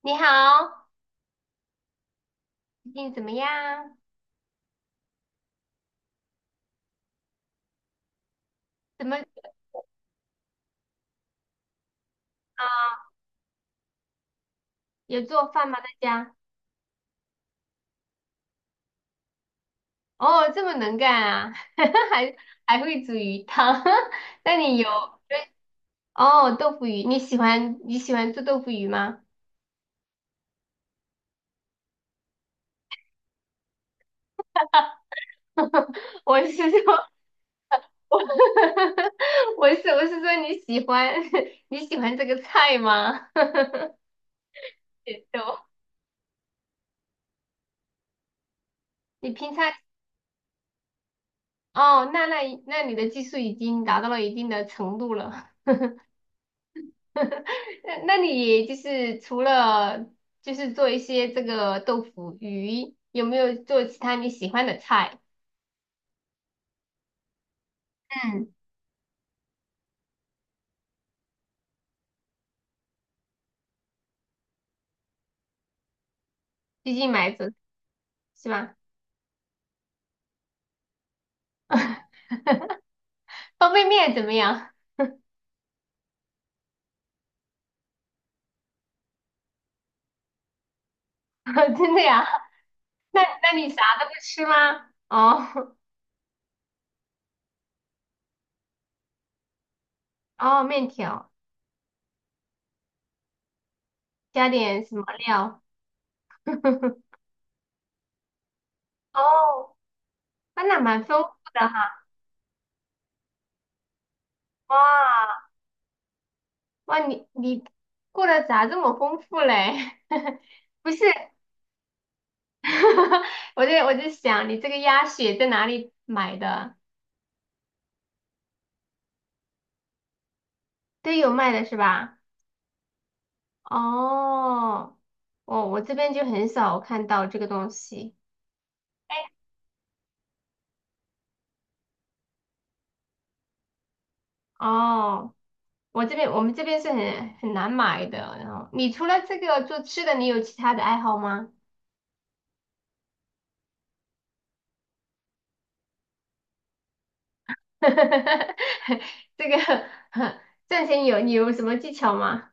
你好，最近怎么样？怎么啊？有做饭吗？在家？哦，这么能干啊，还还会煮鱼汤。那你有哦豆腐鱼？你喜欢做豆腐鱼吗？我是说，我 我是说你喜欢 你喜欢这个菜吗？也逗，你平常哦，那你的技术已经达到了一定的程度了。那你就是除了就是做一些这个豆腐鱼，有没有做其他你喜欢的菜？嗯，最近买的是吧？方便面怎么样？真的呀？那你啥都不吃吗？哦哦，面条加点什么料？哦，啊那蛮丰富的哈。哇哇，你过得咋这么丰富嘞？不是。我就想，你这个鸭血在哪里买的？都有卖的是吧？哦，哦，我这边就很少看到这个东西。哦，我们这边是很难买的。然后，你除了这个做吃的，你有其他的爱好吗？这个 赚钱你有什么技巧吗？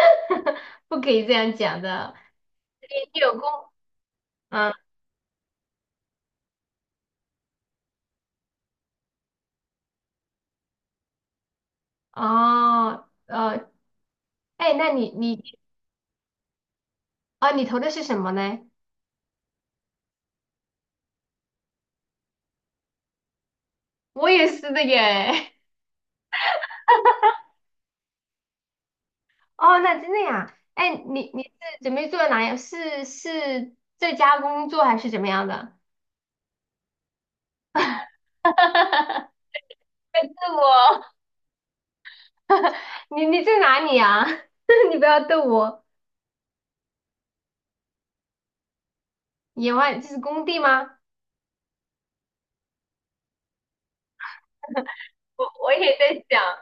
不可以这样讲的，你有功。嗯，哦，哎，那你啊，你投的是什么呢？我也是的耶。哦，那真的呀？哎，你是准备做哪样？是在家工作还是怎么样的？在逗我你在哪里啊？你不要逗我，野外这是工地吗？我也在想，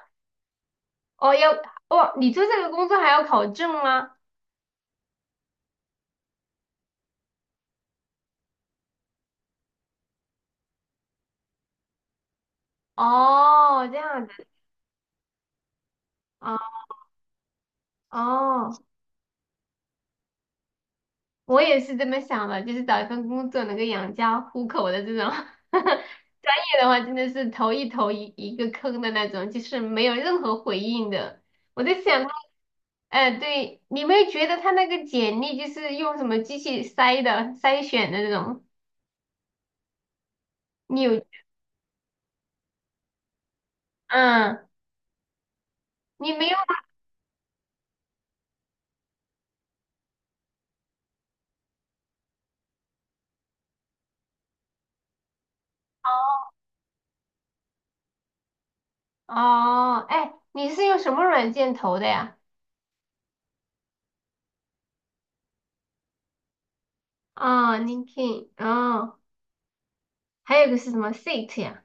哦，要哦，你做这个工作还要考证吗？哦，这样子啊，哦，我也是这么想的，就是找一份工作能够养家糊口的这种。的话真的是投一个坑的那种，就是没有任何回应的。我在想，哎、对，你没有觉得他那个简历就是用什么机器筛选的那种？你有，嗯，你没有哦，哎，你是用什么软件投的呀？啊、LinkedIn 哦，还有个是什么 Seat 呀？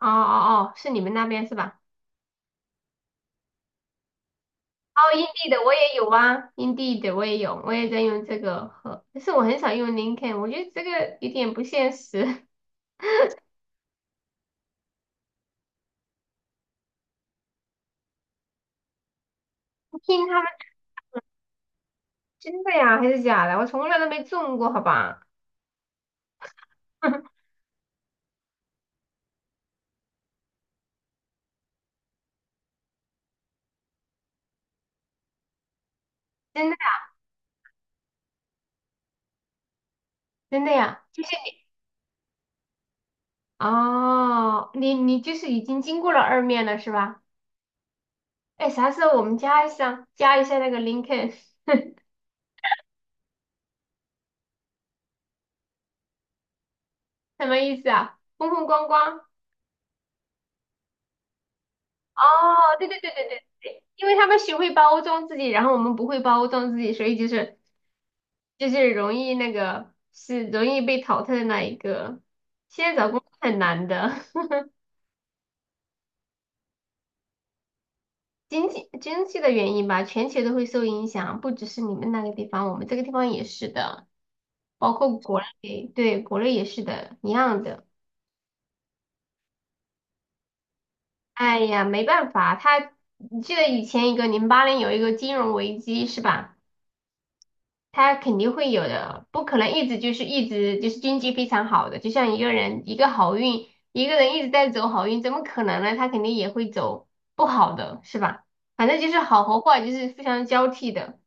哦哦哦，是你们那边是吧？哦，Indeed 的我也有啊，Indeed 的我也有，我也在用这个和，但是我很少用 l i n c o l n 我觉得这个有点不现实。听他们真的呀还是假的？我从来都没中过，好吧？真的呀，真的呀，就是哦，你就是已经经过了二面了是吧？哎，啥时候我们加一下那个 l i n c o l n 什么意思啊？风风光光。哦，对对对对对对，因为他们学会包装自己，然后我们不会包装自己，所以就是容易那个是容易被淘汰的那一个。现在找工作很难的，经济的原因吧，全球都会受影响，不只是你们那个地方，我们这个地方也是的，包括国内，对，国内也是的，一样的。哎呀，没办法，他，你记得以前一个08年有一个金融危机是吧？他肯定会有的，不可能一直就是经济非常好的，就像一个人一个好运，一个人一直在走好运，怎么可能呢？他肯定也会走不好的，是吧？反正就是好和坏就是非常交替的。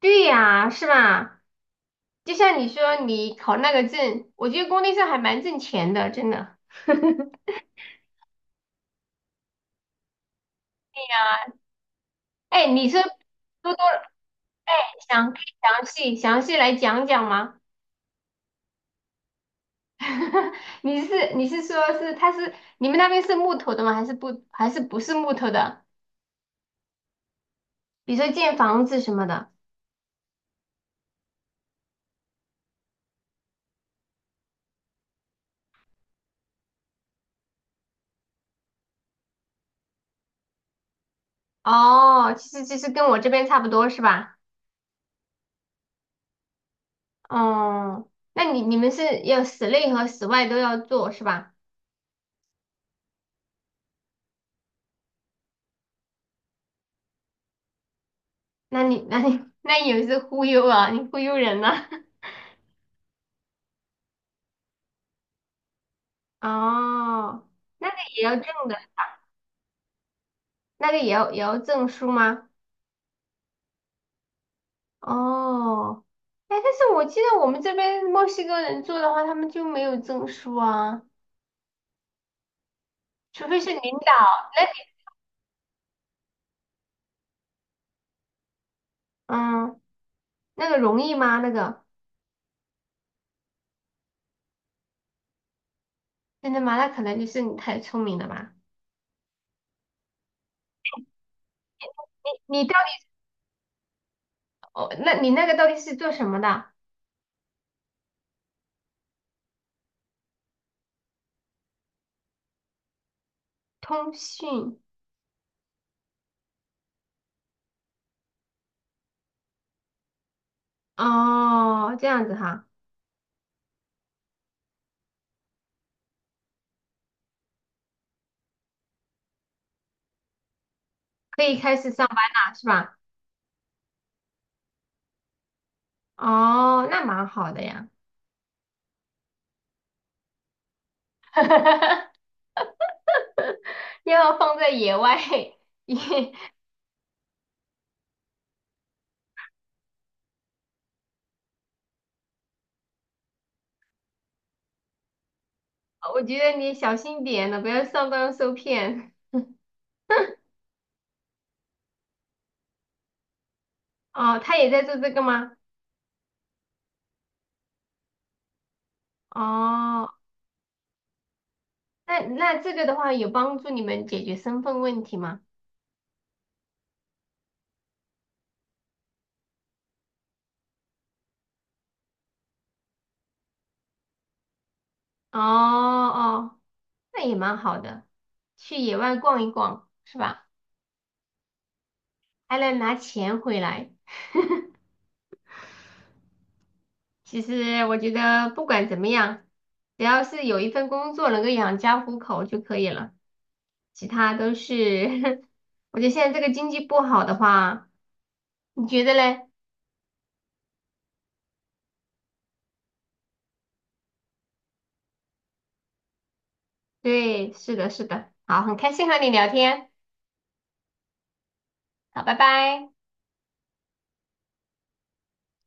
对呀，是吧？就像你说你考那个证，我觉得工地上还蛮挣钱的，真的。哎，你是多多你想可以详细来讲讲吗？你是你是说是他是你们那边是木头的吗？还是不是木头的？比如说建房子什么的。哦，其实跟我这边差不多是吧？哦，那你们是要室内和室外都要做是吧？那你 那也是忽悠啊，你忽悠人呐、哦，那个也要证的，那个也要证书吗？哦，哎，但是我记得我们这边墨西哥人做的话，他们就没有证书啊。除非是领导，那那个容易吗？那个真的吗？那可能就是你太聪明了吧？你到底哦，那你那个到底是做什么的？通讯哦，这样子哈，可以开始上班了是吧？哦，那蛮好的呀，要放在野外，也我觉得你小心点了，不要上当受骗。哦，他也在做这个吗？哦，那这个的话有帮助你们解决身份问题吗？哦哦，那也蛮好的，去野外逛一逛，是吧？还能拿钱回来。其实我觉得不管怎么样，只要是有一份工作能够养家糊口就可以了，其他都是。我觉得现在这个经济不好的话，你觉得嘞？对，是的，是的。好，很开心和你聊天，好，拜拜。